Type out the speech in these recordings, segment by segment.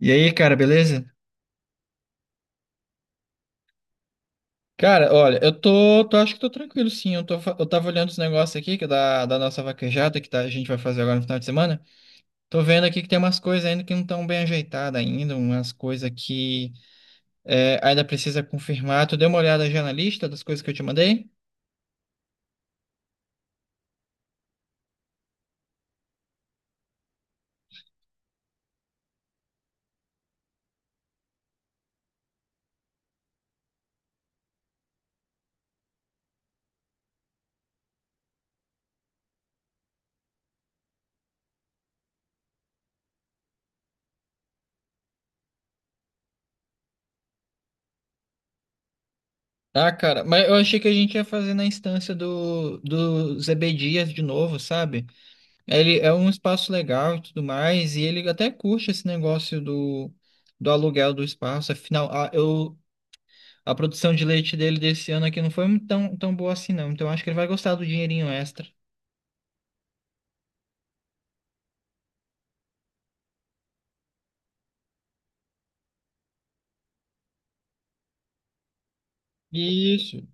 E aí, cara, beleza? Cara, olha, eu tô acho que tô tranquilo, sim. Eu tava olhando os negócios aqui, que é da nossa vaquejada, a gente vai fazer agora no final de semana. Tô vendo aqui que tem umas coisas ainda que não estão bem ajeitadas ainda, umas coisas que ainda precisa confirmar. Tu deu uma olhada já na lista das coisas que eu te mandei? Ah, cara, mas eu achei que a gente ia fazer na instância do ZB Dias de novo, sabe? Ele é um espaço legal e tudo mais, e ele até curte esse negócio do aluguel do espaço. Afinal, a produção de leite dele desse ano aqui não foi muito tão boa assim, não. Então acho que ele vai gostar do dinheirinho extra. Isso.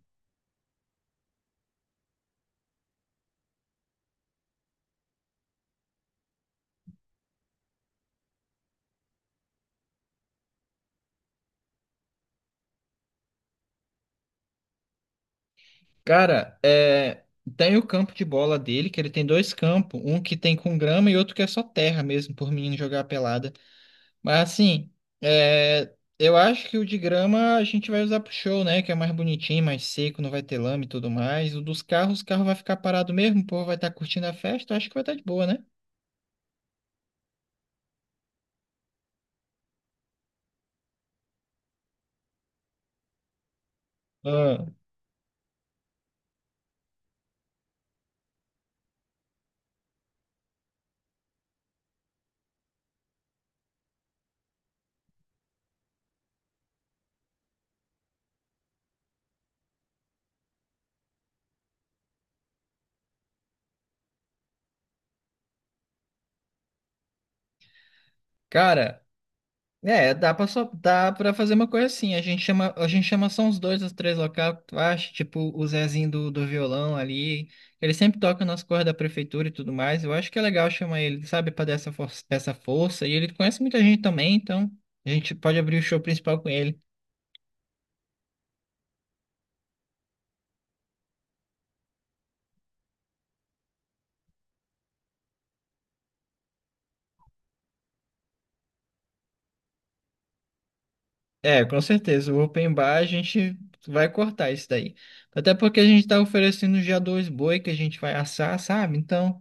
Cara, é, tem o campo de bola dele, que ele tem dois campos, um que tem com grama e outro que é só terra mesmo, por menino jogar pelada. Mas assim, é, eu acho que o de grama a gente vai usar pro show, né? Que é mais bonitinho, mais seco, não vai ter lama e tudo mais. O dos carros, o carro vai ficar parado mesmo, o povo vai estar curtindo a festa, eu acho que vai estar de boa, né? Ah. Cara. É, dá pra, só, dá pra fazer uma coisa assim. A gente chama só uns dois ou três locais, tu acha? Tipo, o Zezinho do violão ali. Ele sempre toca nas cordas da prefeitura e tudo mais. Eu acho que é legal chamar ele, sabe, pra dar essa força, essa força. E ele conhece muita gente também, então a gente pode abrir o show principal com ele. É, com certeza. O open bar a gente vai cortar isso daí. Até porque a gente tá oferecendo já dois boi que a gente vai assar, sabe? Então.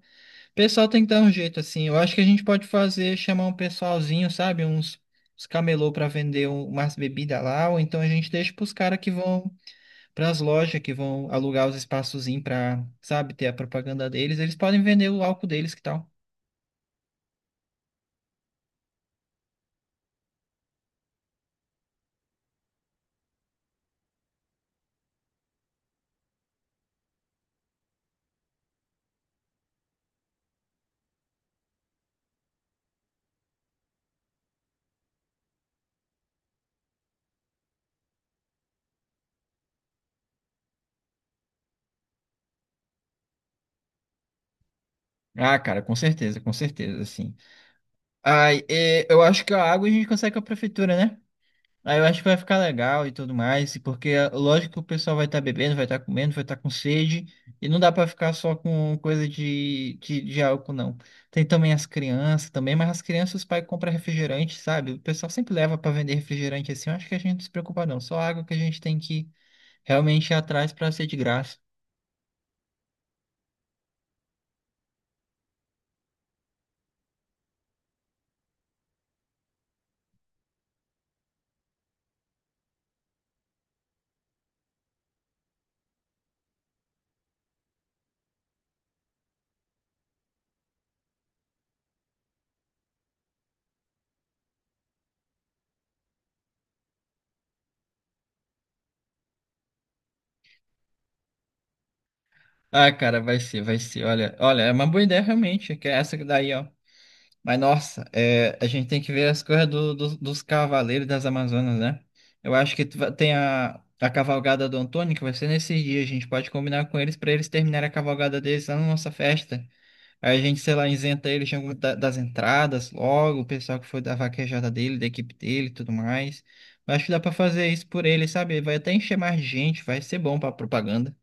O pessoal tem que dar um jeito, assim. Eu acho que a gente pode fazer, chamar um pessoalzinho, sabe? Uns camelô para vender umas bebidas lá, ou então a gente deixa pros caras que vão, pras lojas que vão alugar os espaçozinhos pra, sabe, ter a propaganda deles. Eles podem vender o álcool deles, que tal? Ah, cara, com certeza, sim. Ai, é, eu acho que a água a gente consegue com a prefeitura, né? Aí eu acho que vai ficar legal e tudo mais, e porque é lógico que o pessoal vai estar bebendo, vai estar comendo, vai estar com sede, e não dá para ficar só com coisa de álcool, não. Tem também as crianças também, mas as crianças os pais compram refrigerante, sabe? O pessoal sempre leva para vender refrigerante assim, eu acho que a gente não se preocupa não, só água que a gente tem que realmente ir atrás para ser de graça. Ah, cara, vai ser, vai ser. Olha, olha, é uma boa ideia realmente, que é essa daí, ó. Mas nossa, é, a gente tem que ver as coisas dos cavaleiros das Amazonas, né? Eu acho que tu vai- tem a cavalgada do Antônio, que vai ser nesse dia. A gente pode combinar com eles para eles terminarem a cavalgada deles lá na nossa festa. Aí a gente, sei lá, isenta eles de das entradas logo, o pessoal que foi da vaquejada dele, da equipe dele e tudo mais. Eu acho que dá para fazer isso por eles, sabe? Vai até encher mais gente, vai ser bom para propaganda.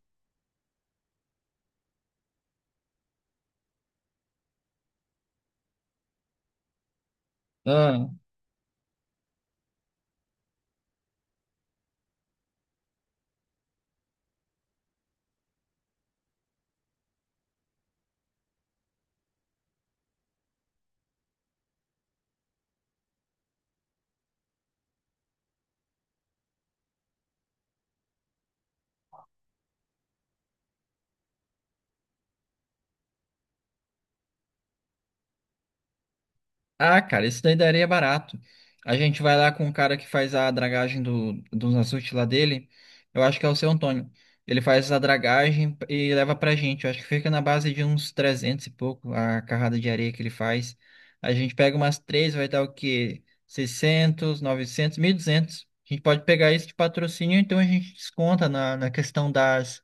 Ah, cara, isso daí daria barato. A gente vai lá com o cara que faz a dragagem dos açudes lá dele. Eu acho que é o seu Antônio. Ele faz a dragagem e leva pra gente. Eu acho que fica na base de uns 300 e pouco a carrada de areia que ele faz. A gente pega umas três, vai dar o quê? 600, 900, 200. A gente pode pegar isso de patrocínio, então a gente desconta na, na questão das,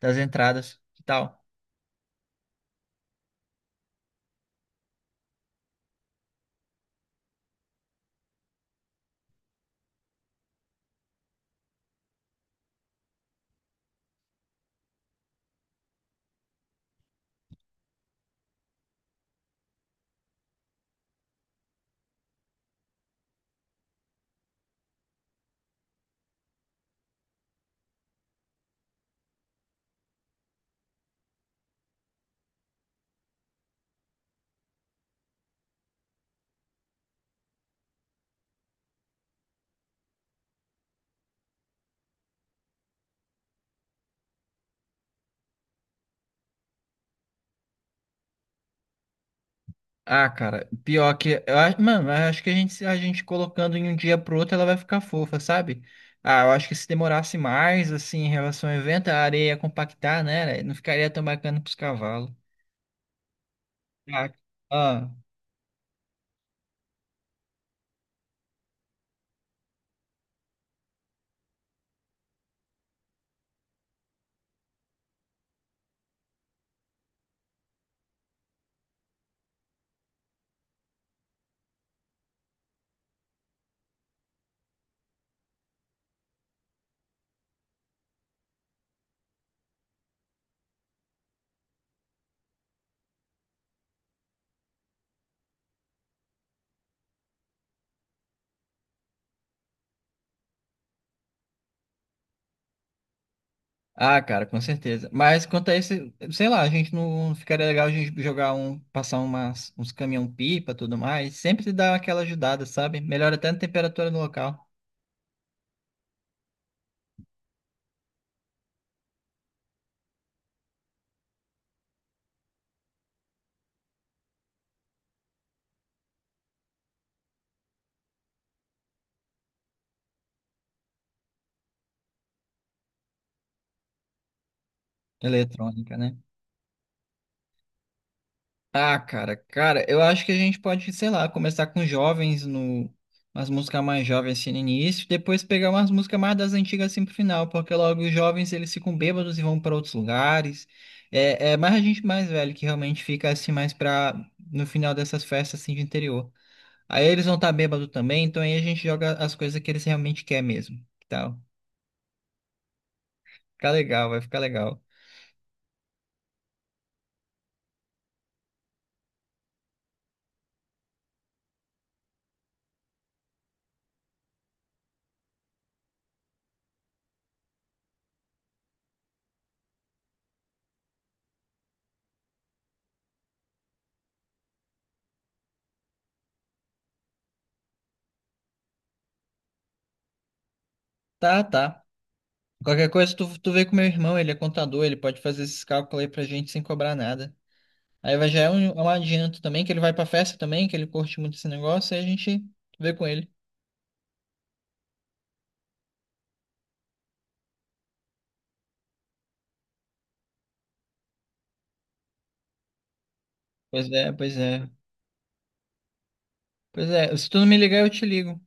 das entradas. Que tal? Ah, cara, pior que. Eu, acho- mano, eu acho que a gente colocando em um dia pro outro, ela vai ficar fofa, sabe? Ah, eu acho que se demorasse mais, assim, em relação ao evento, a areia ia compactar, né? Não ficaria tão bacana pros cavalos. Ah, ah. Ah, cara, com certeza. Mas quanto a esse, sei lá, a gente não ficaria legal a gente jogar um, passar uns caminhão pipa, tudo mais. Sempre dá aquela ajudada, sabe? Melhora até a temperatura no local. Eletrônica, né? Ah, cara, eu acho que a gente pode, sei lá, começar com jovens no umas músicas mais jovens assim no início, depois pegar umas músicas mais das antigas assim pro final, porque logo os jovens eles ficam bêbados e vão para outros lugares. É, é mais a gente mais velho que realmente fica assim mais pra no final dessas festas assim de interior. Aí eles vão estar tá bêbado também, então aí a gente joga as coisas que eles realmente quer mesmo, que tal? Fica legal, vai ficar legal. Tá, tá. Qualquer coisa tu vê com meu irmão, ele é contador, ele pode fazer esses cálculos aí pra gente sem cobrar nada. Aí vai já é um, adianto também, que ele vai pra festa também, que ele curte muito esse negócio, e a gente vê com ele. Pois é, pois é. Pois é, se tu não me ligar, eu te ligo.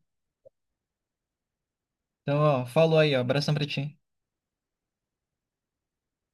Então, ó, falou aí, ó, abração pra ti.